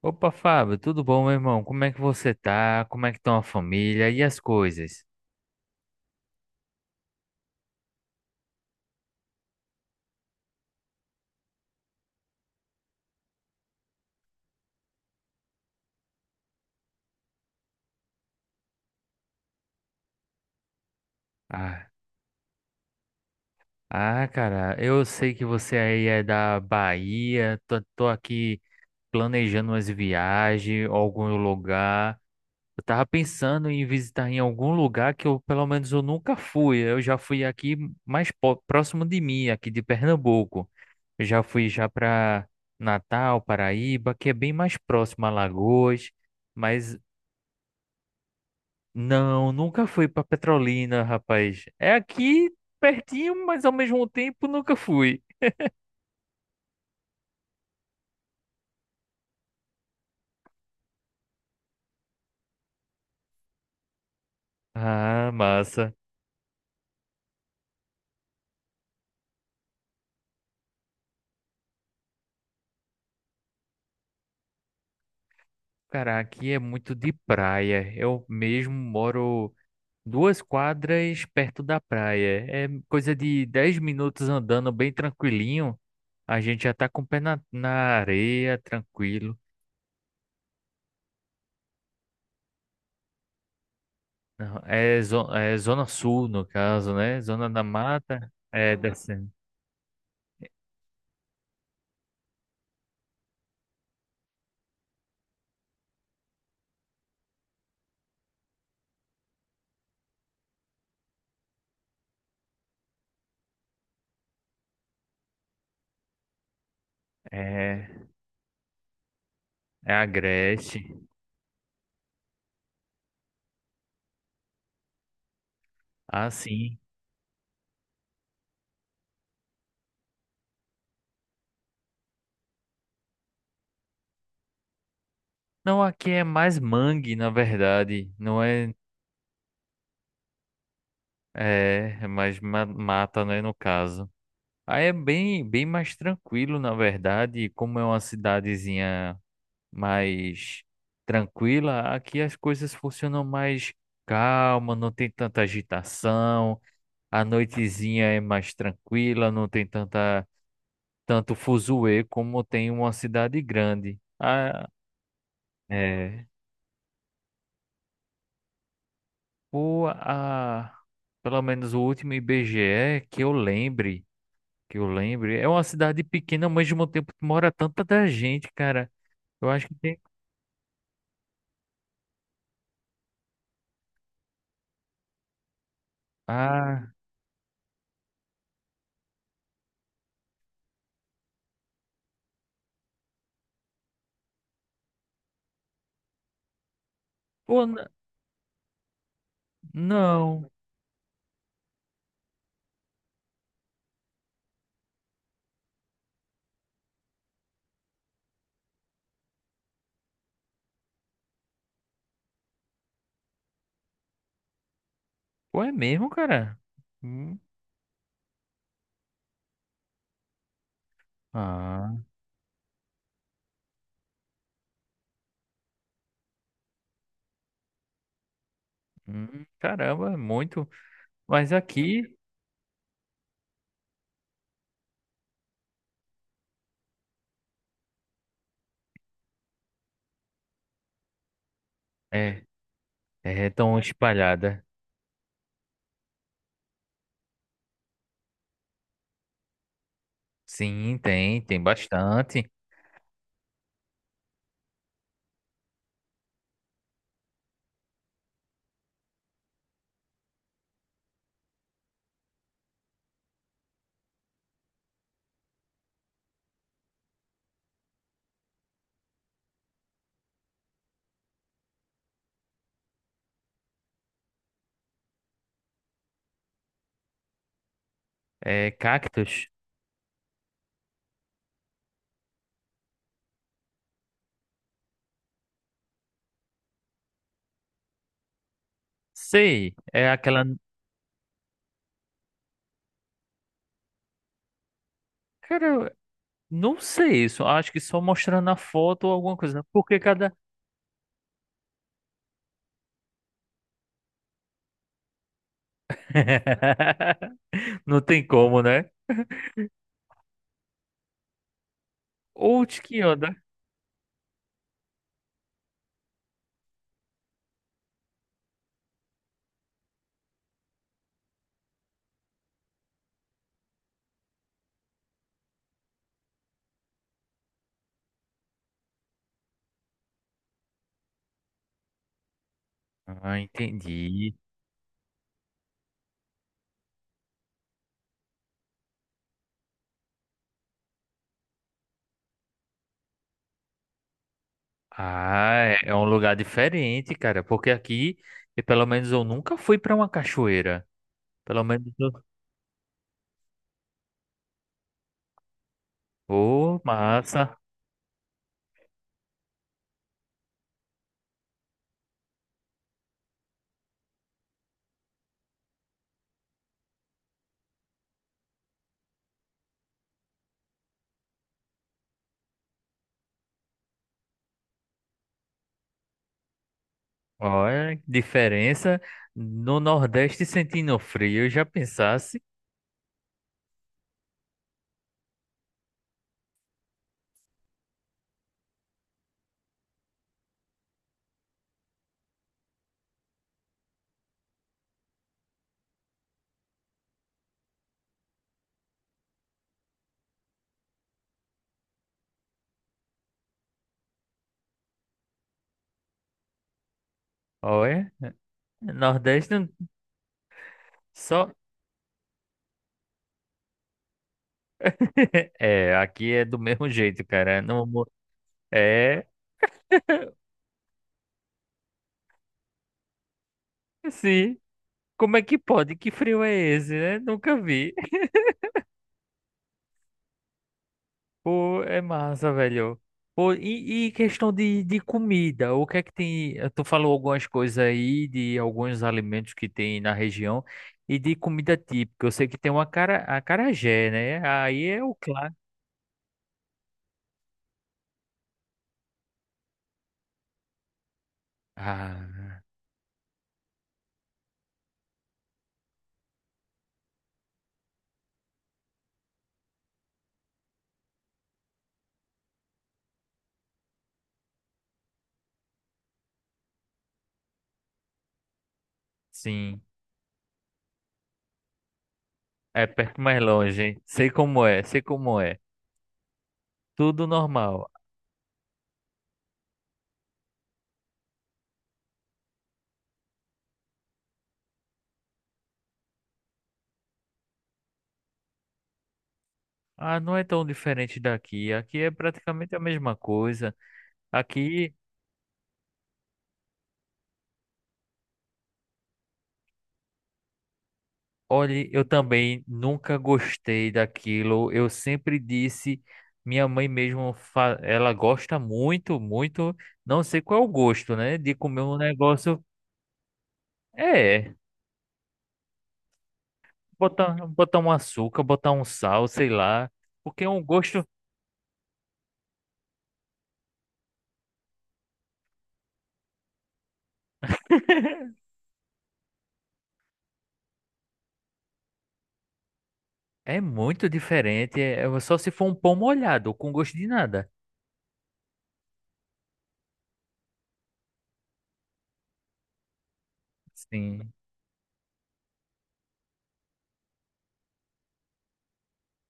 Opa, Fábio, tudo bom, meu irmão? Como é que você tá? Como é que estão a família e as coisas? Ah, ah, cara, eu sei que você aí é da Bahia, tô aqui planejando umas viagens, algum lugar. Eu tava pensando em visitar em algum lugar que eu, pelo menos, eu nunca fui. Eu já fui aqui mais próximo de mim, aqui de Pernambuco. Eu já fui já para Natal, Paraíba, que é bem mais próximo a Alagoas. Mas. Não, nunca fui pra Petrolina, rapaz. É aqui pertinho, mas ao mesmo tempo nunca fui. Ah, massa. Cara, aqui é muito de praia. Eu mesmo moro duas quadras perto da praia. É coisa de 10 minutos andando bem tranquilinho. A gente já tá com o pé na areia, tranquilo. Não, é Zona Sul, no caso, né? Zona da Mata. É, descendo. É, é Agreste. Ah, sim. Não, aqui é mais mangue, na verdade. Não é mais mata, né, no caso. Aí é bem, bem mais tranquilo, na verdade. Como é uma cidadezinha mais tranquila, aqui as coisas funcionam mais calma, não tem tanta agitação. A noitezinha é mais tranquila, não tem tanta, tanto fuzuê como tem uma cidade grande. Ah, é. o a, Pelo menos o último IBGE que eu lembre, é uma cidade pequena, mas ao mesmo tempo mora tanta gente, cara. Eu acho que tem. Ah, pô, não. Pô, é mesmo, cara? Hum, ah, caramba, é muito. Mas aqui é, é tão espalhada. Sim, tem bastante. É cactus. Sei, é aquela. Cara, não sei isso. Acho que só mostrando a foto ou alguma coisa. Porque cada. Não tem como, né? Ou de que anda. Ah, entendi. Ah, é um lugar diferente, cara. Porque aqui, e pelo menos eu nunca fui para uma cachoeira. Pelo menos. Ô, massa. Olha, diferença. No Nordeste sentindo frio, eu já pensasse. Olha, Nordeste só. É, aqui é do mesmo jeito, cara. Nãoé Sim. Como é que pode? Que frio é esse, né? Nunca vi. Pô, é massa, velho. Pô, e questão de comida, o que é que tem? Tu falou algumas coisas aí de alguns alimentos que tem na região e de comida típica. Eu sei que tem uma cara, acarajé, né? Aí é o claro. Ah, sim. É perto mais longe, hein? Sei como é, sei como é. Tudo normal. Ah, não é tão diferente daqui. Aqui é praticamente a mesma coisa. Aqui. Olhe, eu também nunca gostei daquilo. Eu sempre disse, minha mãe mesmo, ela gosta muito, muito, não sei qual é o gosto, né? De comer um negócio, é, botar um açúcar, botar um sal, sei lá, porque é um gosto é muito diferente, é só se for um pão molhado, com gosto de nada. Sim.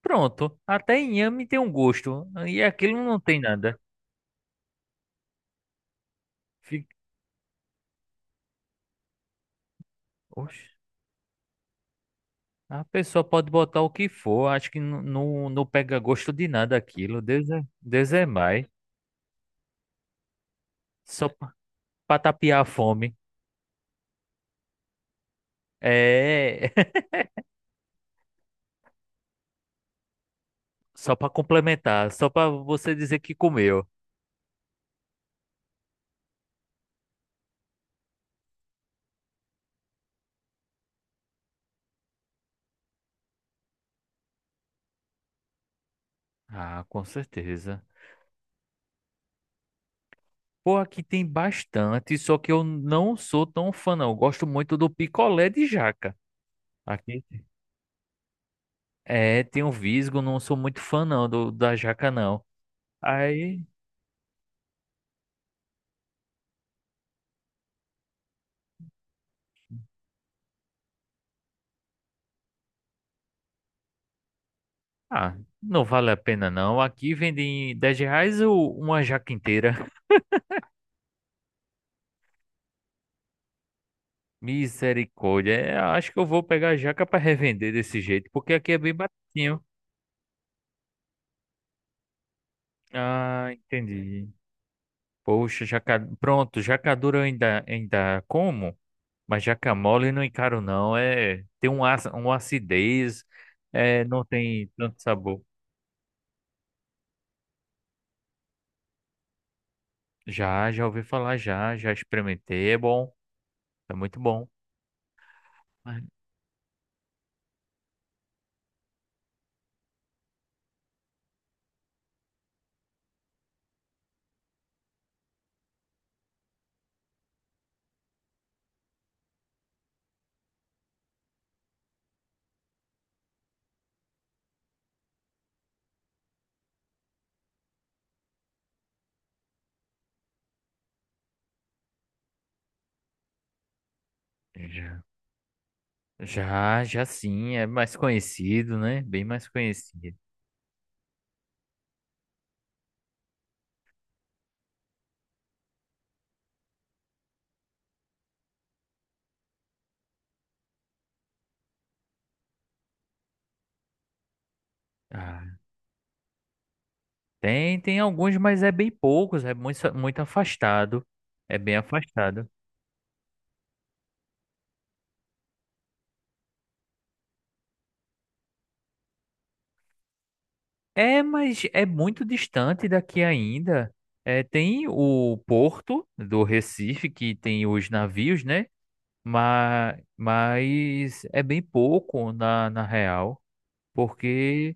Pronto, até inhame tem um gosto, e aquilo não tem nada. Fica. Oxe. A pessoa pode botar o que for, acho que não, não, não pega gosto de nada aquilo. Deus é mais. Só para tapiar a fome. É, só para complementar, só para você dizer que comeu. Ah, com certeza. Pô, aqui tem bastante, só que eu não sou tão fã, não. Eu gosto muito do picolé de jaca. Aqui é, tem um visgo, não sou muito fã, não, do, da jaca, não. Aí, ah, não vale a pena, não. Aqui vende em R$ 10 uma jaca inteira. Misericórdia. É, acho que eu vou pegar a jaca para revender desse jeito, porque aqui é bem baratinho. Ah, entendi. Poxa, jaca. Pronto, jaca dura eu ainda como, mas jaca mole não encaro não. É, tem uma acidez, é, não tem tanto sabor. Já, já ouvi falar já, já experimentei, é bom, é muito bom. Mas- Já, já, já sim, é mais conhecido, né? Bem mais conhecido. Ah, tem alguns, mas é bem poucos, é muito, muito afastado. É bem afastado. É, mas é muito distante daqui ainda. É, tem o porto do Recife, que tem os navios, né? Mas é bem pouco na real, porque.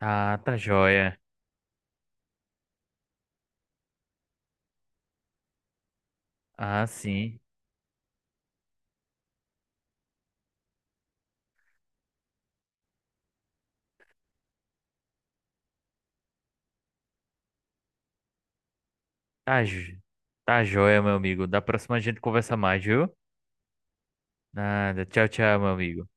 Ah, tá joia. Ah, sim. Tá, jo- tá joia, meu amigo. Da próxima a gente conversa mais, viu? Nada. Tchau, tchau, meu amigo.